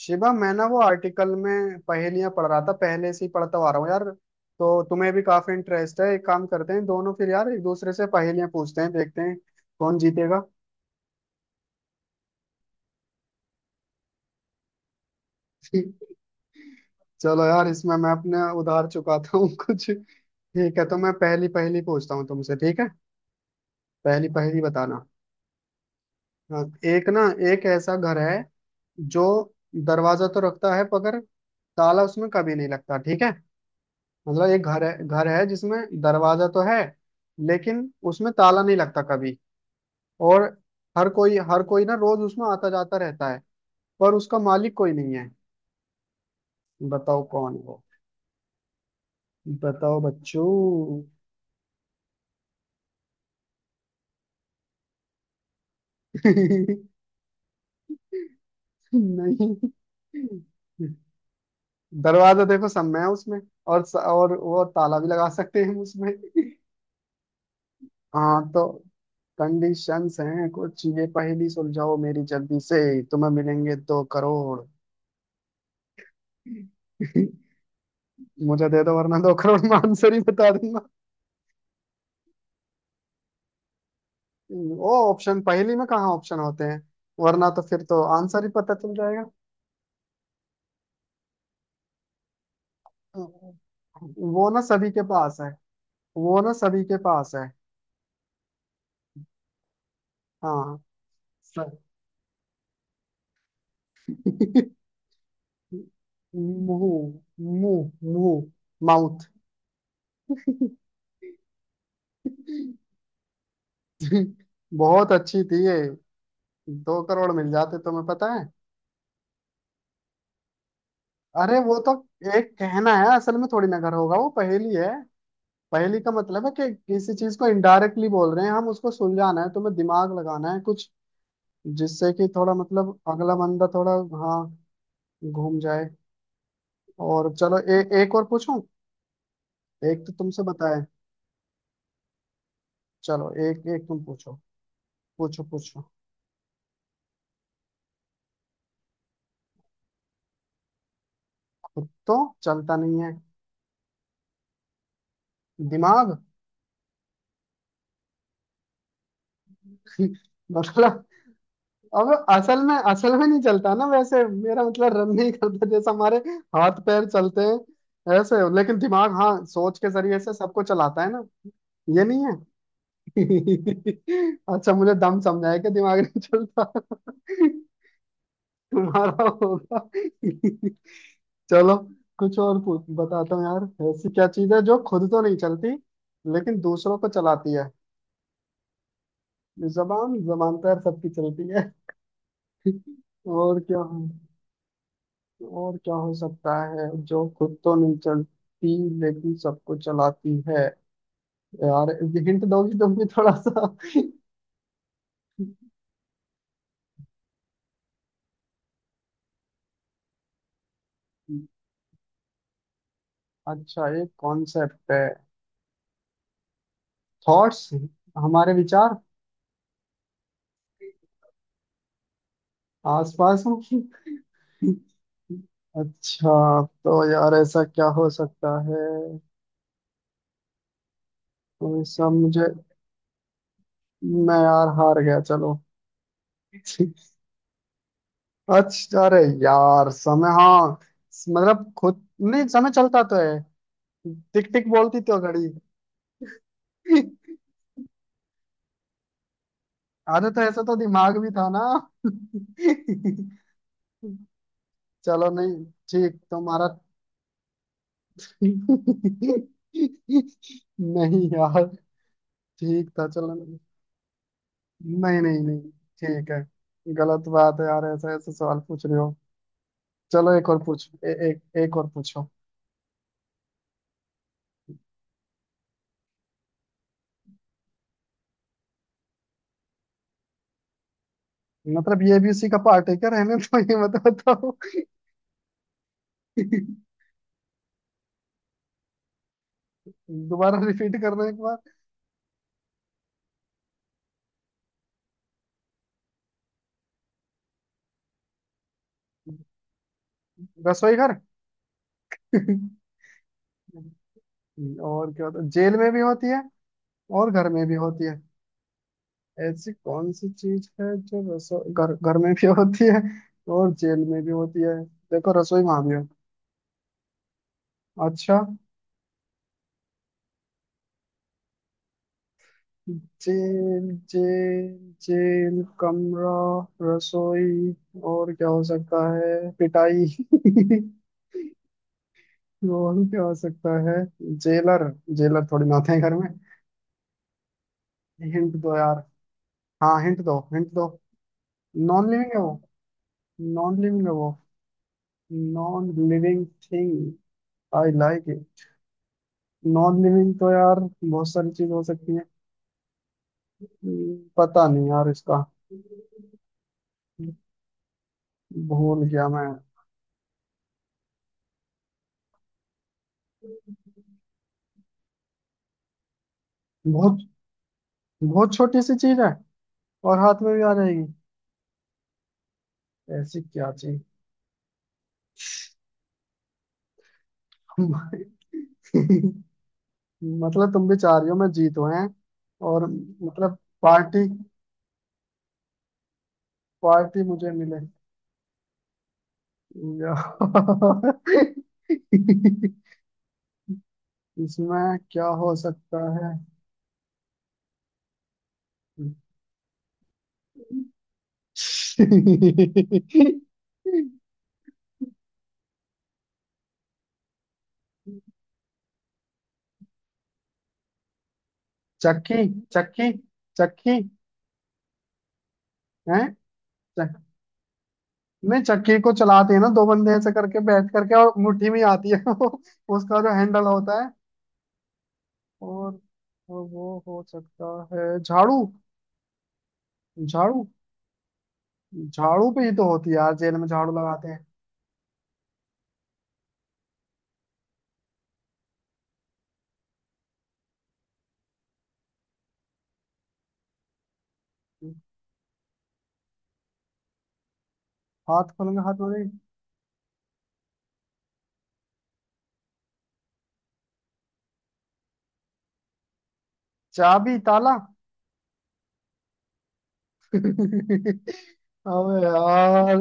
शिवा, मैं ना वो आर्टिकल में पहेलियां पढ़ रहा था। पहले से ही पढ़ता आ रहा हूँ यार। तो तुम्हें भी काफी इंटरेस्ट है। एक काम करते हैं दोनों फिर यार, एक दूसरे से पहेलियां पूछते हैं, देखते हैं कौन जीतेगा। चलो यार, इसमें मैं अपने उधार चुकाता हूँ कुछ। ठीक है, तो मैं पहली पहेली पूछता हूँ तुमसे। ठीक है, पहली पहेली बताना। हाँ, एक ना, एक ऐसा घर है जो दरवाजा तो रखता है, मगर ताला उसमें कभी नहीं लगता। ठीक है, मतलब एक घर है, घर है जिसमें दरवाजा तो है, लेकिन उसमें ताला नहीं लगता कभी। और हर कोई ना रोज उसमें आता जाता रहता है, पर उसका मालिक कोई नहीं है। बताओ कौन है वो। बताओ बच्चों। नहीं, दरवाजा देखो सब में है उसमें। और और वो ताला भी लगा सकते हैं हम उसमें। हाँ तो कंडीशंस हैं कुछ। ये पहेली सुलझाओ मेरी जल्दी से। तुम्हें मिलेंगे दो करोड़। मुझे दे दो, वरना दो करोड़ में आंसर ही बता दूंगा। वो ऑप्शन पहली में कहाँ ऑप्शन होते हैं? वरना तो फिर तो आंसर ही पता चल जाएगा। वो ना सभी के पास है। वो ना सभी के पास है। हाँ, स- मुंह। मुंह। माउथ। बहुत अच्छी थी ये। दो करोड़ मिल जाते तुम्हें, पता है। अरे वो तो, एक कहना है असल में, थोड़ी नगर होगा वो, पहेली है। पहेली का मतलब है कि किसी चीज को इनडायरेक्टली बोल रहे हैं हम, उसको सुलझाना है, तुम्हें दिमाग लगाना है कुछ, जिससे कि थोड़ा मतलब अगला बंदा थोड़ा, हाँ, घूम जाए। और चलो एक और पूछूं। एक तो तुमसे बताया। चलो एक एक तुम पूछो। पूछो पूछो। खुद तो चलता नहीं है। दिमाग मतलब अब असल में नहीं चलता ना वैसे, मेरा मतलब रन नहीं करता जैसे हमारे हाथ पैर चलते हैं ऐसे। लेकिन दिमाग, हाँ, सोच के जरिए से सबको चलाता है ना। ये नहीं है? अच्छा, मुझे दम समझाया कि दिमाग नहीं चलता। तुम्हारा होगा। चलो कुछ और बताता हूँ यार, ऐसी क्या चीज है जो खुद तो नहीं चलती लेकिन दूसरों को चलाती है। जबान? जबान तो यार सबकी चलती है। और क्या? और क्या हो सकता है जो खुद तो नहीं चलती लेकिन सबको चलाती है? यार हिंट दोगी तुम भी थोड़ा सा? अच्छा, एक कॉन्सेप्ट है। थॉट्स, हमारे विचार। आसपास हूँ? अच्छा, तो यार ऐसा क्या हो सकता है? तो ये सब मुझे, मैं यार हार गया चलो। अच्छा, अरे यार, समय। हाँ, मतलब खुद नहीं, समय चलता तो है। टिक टिक बोलती तो घड़ी। आधा तो ऐसा तो दिमाग भी था ना। चलो नहीं, ठीक। तुम्हारा। नहीं यार, ठीक था चलो। नहीं नहीं नहीं, ठीक है। गलत बात है यार, ऐसा ऐसा सवाल पूछ रहे हो। चलो एक और पूछ, एक एक और पूछो। मतलब ये भी उसी का पार्ट है क्या? रहने तो, ये मत बताओ। दोबारा रिपीट करना एक बार। रसोई घर? और क्या होता है जेल में भी होती है और घर में भी होती है? ऐसी कौन सी चीज है जो रसोई घर, घर में भी होती है और जेल में भी होती है? देखो रसोई वहां भी है। अच्छा, जेल जेल जेल कमरा, रसोई। और क्या हो सकता है? पिटाई। और क्या हो सकता है? जेलर? जेलर थोड़ी ना आते हैं घर में। हिंट दो यार। हाँ हिंट दो, हिंट दो। नॉन लिविंग है वो। नॉन लिविंग है वो। Non living thing. I like it. Non living तो यार बहुत सारी चीज हो सकती है। पता नहीं यार इसका। भूल गया मैं। बहुत, बहुत छोटी सी चीज है और हाथ में भी आ जाएगी? ऐसी क्या चीज? मतलब तुम भी चाह रही हो मैं जीतूं, हैं? और मतलब, पार्टी, पार्टी मुझे मिले यार। इसमें क्या हो सकता है? चक्की? चक्की? चक्की है? चक... नहीं, चक्की को चलाते हैं ना दो बंदे ऐसे करके बैठ करके, और मुट्ठी में आती है वो उसका जो हैंडल होता है। और और वो हो सकता है झाड़ू? झाड़ू, झाड़ू पे ही तो होती है यार, जेल में झाड़ू लगाते हैं। हाथ खोलेंगे, हाथ में। चाबी, ताला? अबे यार।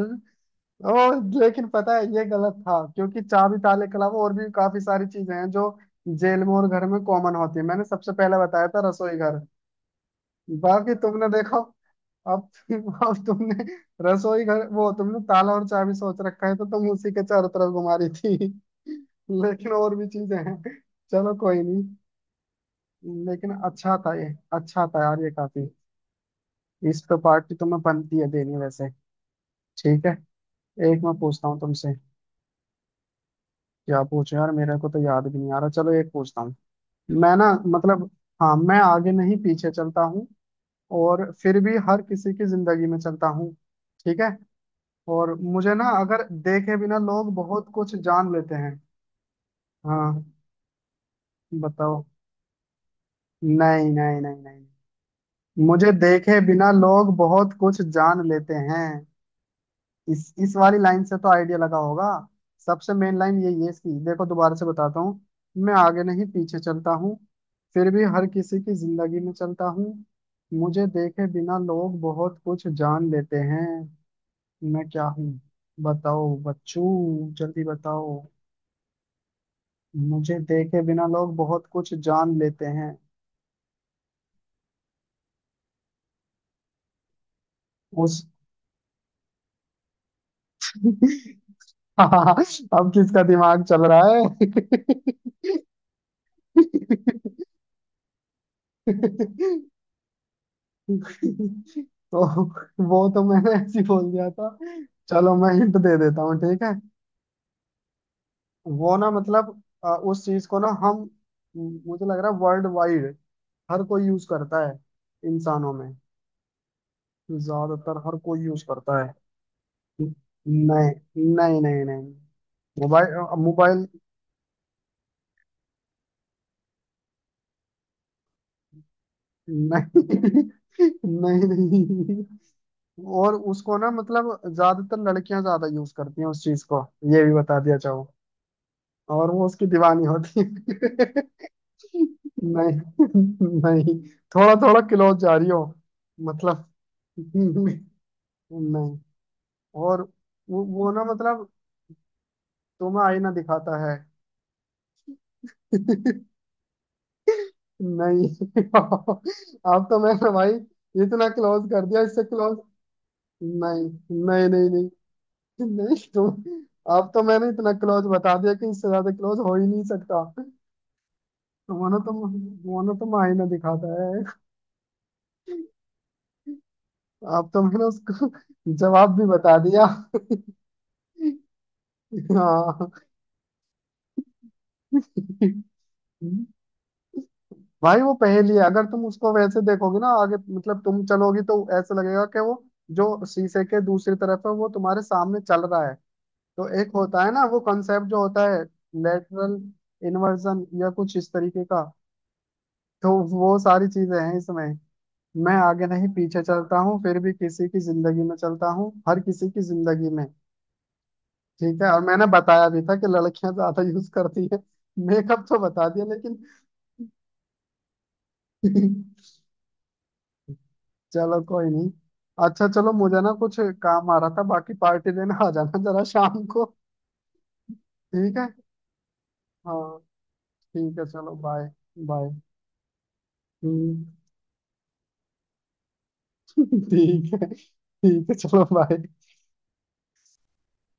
ओ, लेकिन पता है ये गलत था, क्योंकि चाबी ताले के अलावा और भी काफी सारी चीजें हैं जो जेल में और घर में कॉमन होती है। मैंने सबसे पहले बताया था, रसोई घर। बाकी तुमने देखो, अब तुमने रसोई घर, वो तुमने ताला और चाबी सोच रखा है, तो तुम उसी के चारों तरफ घुमा रही थी, लेकिन और भी चीजें हैं। चलो कोई नहीं, लेकिन अच्छा था ये। अच्छा था यार ये, काफी। इस पे पार्टी तुम्हें बनती है देनी वैसे। ठीक है, एक मैं पूछता हूँ तुमसे। क्या पूछो यार, मेरे को तो याद भी नहीं आ रहा। चलो एक पूछता हूँ। मैं ना, मतलब, हाँ, मैं आगे नहीं पीछे चलता हूँ, और फिर भी हर किसी की जिंदगी में चलता हूँ। ठीक है? और मुझे ना, अगर देखे बिना लोग बहुत कुछ जान लेते हैं। हाँ बताओ। नहीं नहीं नहीं नहीं। मुझे देखे बिना लोग बहुत कुछ जान लेते हैं। इस वाली लाइन से तो आइडिया लगा होगा। सबसे मेन लाइन यही है इसकी। देखो दोबारा से बताता हूँ। मैं आगे नहीं पीछे चलता हूँ, फिर भी हर किसी की जिंदगी में चलता हूँ, मुझे देखे बिना लोग बहुत कुछ जान लेते हैं। मैं क्या हूँ? बताओ बच्चू, जल्दी बताओ। मुझे देखे बिना लोग बहुत कुछ जान लेते हैं। उस, अब किसका दिमाग चल रहा है? तो वो तो मैंने ऐसे ही बोल दिया था। चलो मैं हिंट दे देता हूँ ठीक है। वो ना, मतलब उस चीज को ना हम, मुझे लग रहा है वर्ल्ड वाइड हर कोई यूज करता है। इंसानों में ज्यादातर हर कोई यूज करता है। नहीं नहीं नहीं नहीं, मोबाइल। मोबाइल नहीं। नहीं नहीं। और उसको ना, मतलब ज्यादातर लड़कियां ज्यादा यूज करती हैं उस चीज को। ये भी बता दिया चाहूँ, और वो उसकी दीवानी होती है। नहीं नहीं, थोड़ा थोड़ा क्लोज जा रही हो। मतलब नहीं। और वो ना मतलब, तुम्हें आईना दिखाता है। नहीं। अब तो मैंने भाई इतना क्लोज कर दिया, इससे क्लोज। नहीं, नहीं नहीं नहीं नहीं तुम। अब तो मैंने इतना क्लोज बता दिया कि इससे ज्यादा क्लोज हो ही नहीं सकता। तुम्हारा तो मायने दिखाता है। अब तो मैंने उसको जवाब भी बता दिया। हाँ भाई, वो पहेली है। अगर तुम उसको वैसे देखोगे ना आगे, मतलब तुम चलोगी, तो ऐसा लगेगा कि वो जो शीशे के दूसरी तरफ है, वो तुम्हारे सामने चल रहा है। तो एक होता है ना वो कॉन्सेप्ट जो होता है, लेटरल इन्वर्जन या कुछ इस तरीके का। तो वो सारी चीजें हैं इसमें। मैं आगे नहीं पीछे चलता हूँ, फिर भी किसी की जिंदगी में चलता हूँ, हर किसी की जिंदगी में। ठीक है? और मैंने बताया भी था कि लड़कियां ज्यादा यूज करती है, मेकअप तो बता दिया लेकिन। चलो कोई नहीं। अच्छा चलो, मुझे ना कुछ काम आ रहा था। बाकी पार्टी देने आ जाना जरा शाम को। ठीक है, हाँ, ठीक है चलो बाय। बाय। ठीक है, ठीक है, चलो बाय।